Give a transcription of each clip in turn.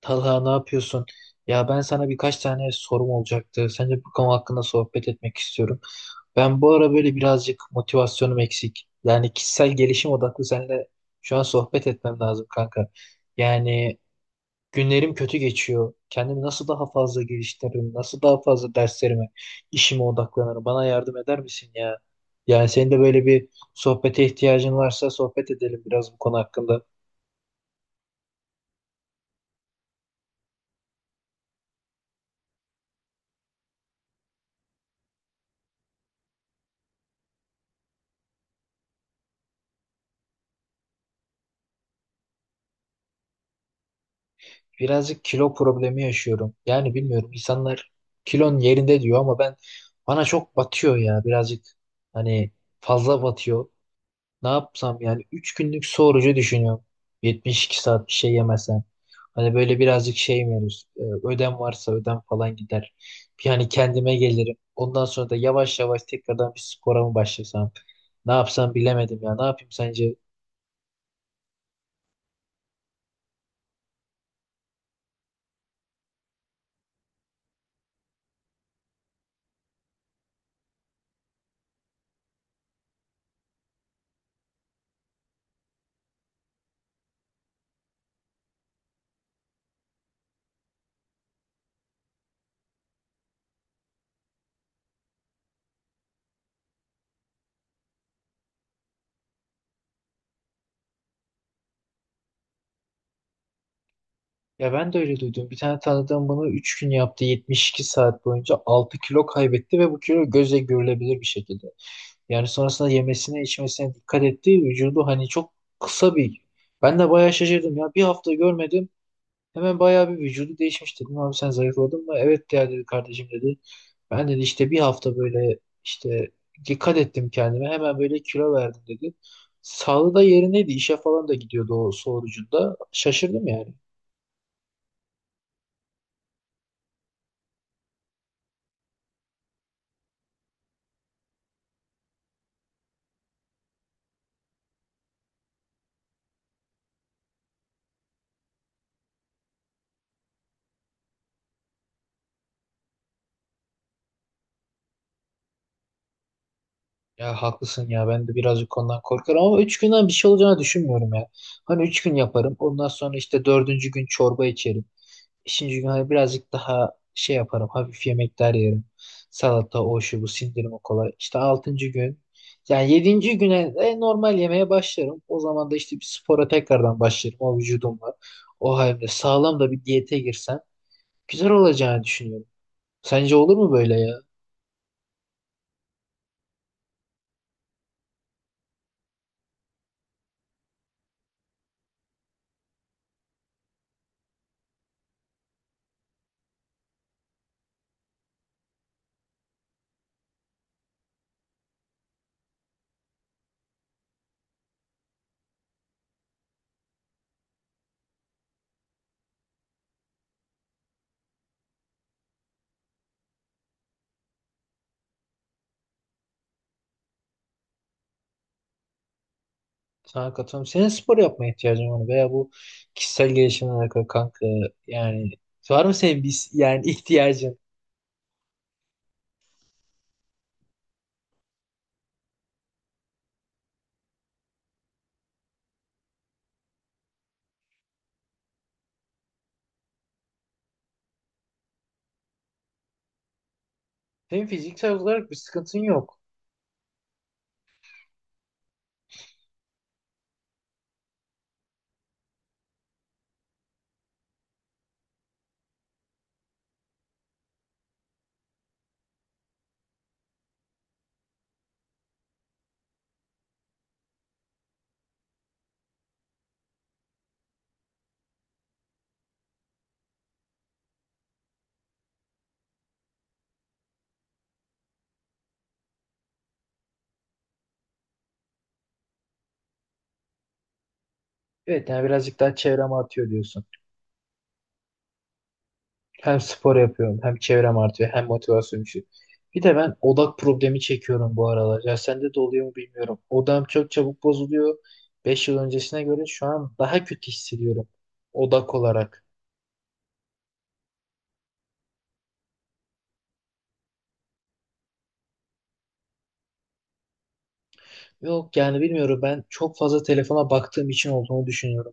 Talha ne yapıyorsun? Ya ben sana birkaç tane sorum olacaktı. Sence bu konu hakkında sohbet etmek istiyorum. Ben bu ara böyle birazcık motivasyonum eksik. Yani kişisel gelişim odaklı seninle şu an sohbet etmem lazım kanka. Yani günlerim kötü geçiyor. Kendimi nasıl daha fazla geliştiririm? Nasıl daha fazla derslerime, işime odaklanırım? Bana yardım eder misin ya? Yani senin de böyle bir sohbete ihtiyacın varsa sohbet edelim biraz bu konu hakkında. Birazcık kilo problemi yaşıyorum. Yani bilmiyorum, insanlar kilon yerinde diyor ama ben, bana çok batıyor ya, birazcık hani fazla batıyor. Ne yapsam yani, 3 günlük su orucu düşünüyorum. 72 saat bir şey yemesem. Hani böyle birazcık şey mi olur? Ödem varsa ödem falan gider. Yani kendime gelirim. Ondan sonra da yavaş yavaş tekrardan bir spora mı başlasam? Ne yapsam bilemedim ya. Ne yapayım sence? Ya ben de öyle duydum. Bir tane tanıdığım bunu 3 gün yaptı. 72 saat boyunca 6 kilo kaybetti ve bu kilo gözle görülebilir bir şekilde. Yani sonrasında yemesine içmesine dikkat etti. Vücudu hani çok kısa bir... Ben de bayağı şaşırdım ya. Bir hafta görmedim. Hemen bayağı bir vücudu değişmiş, dedim. Abi, sen zayıfladın mı? Evet ya, dedi, kardeşim, dedi. Ben, dedi, işte bir hafta böyle işte dikkat ettim kendime. Hemen böyle kilo verdim, dedi. Sağlığı da yerindeydi. İşe falan da gidiyordu o sorucunda. Şaşırdım yani. Ya haklısın ya, ben de birazcık konudan korkarım ama 3 günden bir şey olacağını düşünmüyorum ya. Hani 3 gün yaparım, ondan sonra işte dördüncü gün çorba içerim. Beşinci gün hani birazcık daha şey yaparım, hafif yemekler yerim. Salata, o, şu, bu, sindirimi kolay. İşte altıncı gün, yani yedinci güne de normal yemeye başlarım. O zaman da işte bir spora tekrardan başlarım o vücudumla. O halde sağlam da bir diyete girsem güzel olacağını düşünüyorum. Sence olur mu böyle ya? Sana katılıyorum. Senin spor yapmaya ihtiyacın var mı? Veya bu kişisel gelişimle alakalı kanka, yani var mı senin bir yani ihtiyacın? Senin fiziksel olarak bir sıkıntın yok. Evet, yani birazcık daha çevrem artıyor diyorsun. Hem spor yapıyorum, hem çevrem artıyor, hem motivasyon düşüyor. Bir de ben odak problemi çekiyorum bu aralar. Ya sende de oluyor mu bilmiyorum. Odam çok çabuk bozuluyor. 5 yıl öncesine göre şu an daha kötü hissediyorum odak olarak. Yok yani, bilmiyorum, ben çok fazla telefona baktığım için olduğunu düşünüyorum.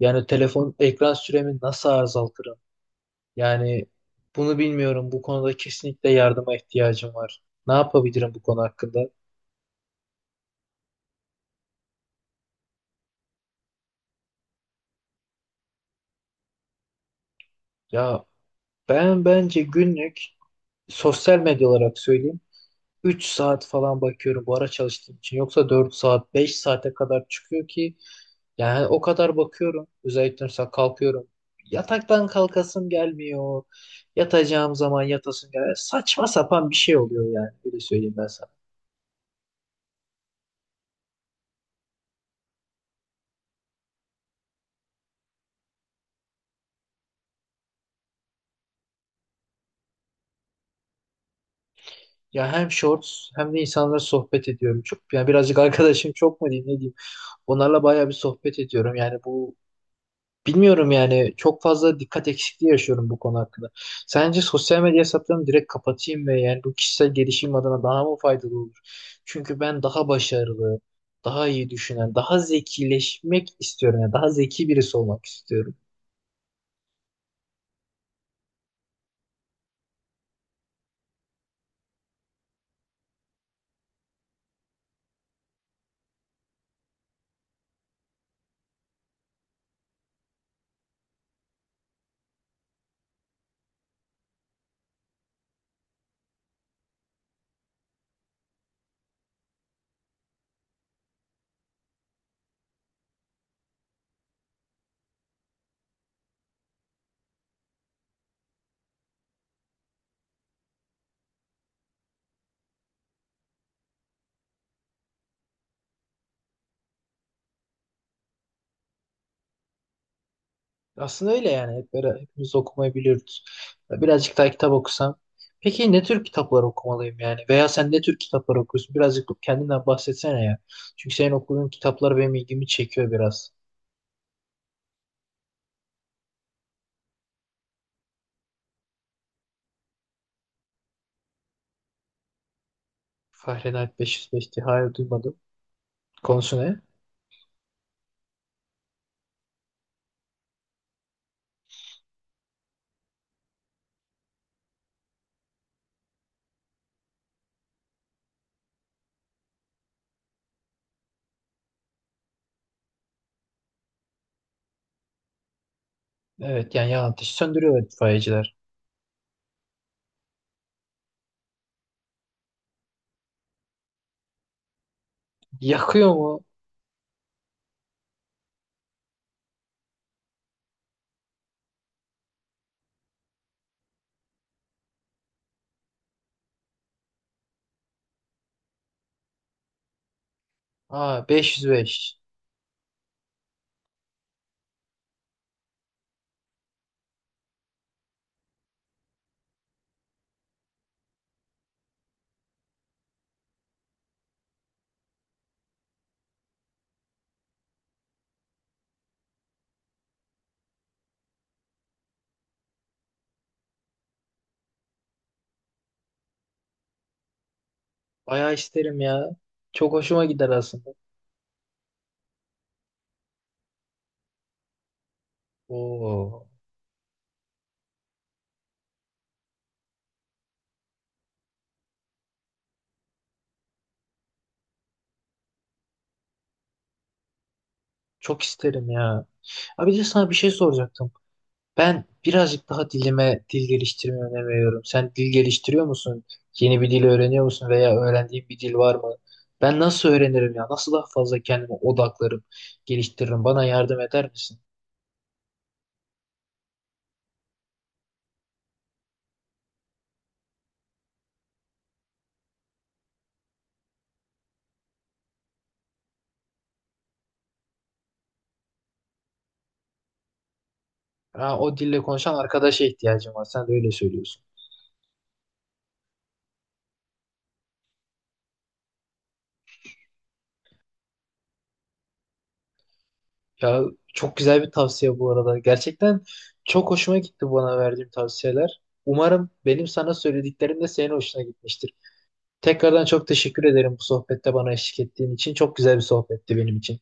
Yani telefon ekran süremi nasıl azaltırım? Yani bunu bilmiyorum. Bu konuda kesinlikle yardıma ihtiyacım var. Ne yapabilirim bu konu hakkında? Ya, ben bence günlük, sosyal medya olarak söyleyeyim, 3 saat falan bakıyorum bu ara çalıştığım için. Yoksa 4 saat, 5 saate kadar çıkıyor ki yani o kadar bakıyorum. Özellikle mesela kalkıyorum. Yataktan kalkasım gelmiyor. Yatacağım zaman yatasım gelmiyor. Saçma sapan bir şey oluyor yani. Öyle söyleyeyim ben sana. Ya, hem shorts hem de insanlarla sohbet ediyorum. Çok, yani birazcık arkadaşım çok mu diyeyim, ne diyeyim. Onlarla bayağı bir sohbet ediyorum. Yani bu, bilmiyorum yani, çok fazla dikkat eksikliği yaşıyorum bu konu hakkında. Sence sosyal medya hesaplarımı direkt kapatayım ve yani bu kişisel gelişim adına daha mı faydalı olur? Çünkü ben daha başarılı, daha iyi düşünen, daha zekileşmek istiyorum. Yani daha zeki birisi olmak istiyorum. Aslında öyle yani. Hep böyle, hepimiz okumayı biliyoruz. Birazcık daha kitap okusam. Peki ne tür kitaplar okumalıyım yani? Veya sen ne tür kitaplar okuyorsun? Birazcık kendinden bahsetsene ya. Çünkü senin okuduğun kitaplar benim ilgimi çekiyor biraz. Fahrenheit 505 diye, hayır, duymadım. Konusu ne? Evet, yani yan ateşi söndürüyorlar itfaiyeciler. Yakıyor mu? Aa, 505. Bayağı isterim ya. Çok hoşuma gider aslında. Oo, çok isterim ya. Abi de sana bir şey soracaktım. Ben birazcık daha dil geliştirmeye önem veriyorum. Sen dil geliştiriyor musun? Yeni bir dil öğreniyor musun veya öğrendiğin bir dil var mı? Ben nasıl öğrenirim ya? Nasıl daha fazla kendime odaklarım, geliştiririm? Bana yardım eder misin? Ha, o dille konuşan arkadaşa ihtiyacım var. Sen de öyle söylüyorsun. Ya çok güzel bir tavsiye bu arada. Gerçekten çok hoşuma gitti bana verdiğim tavsiyeler. Umarım benim sana söylediklerim de senin hoşuna gitmiştir. Tekrardan çok teşekkür ederim bu sohbette bana eşlik ettiğin için. Çok güzel bir sohbetti benim için.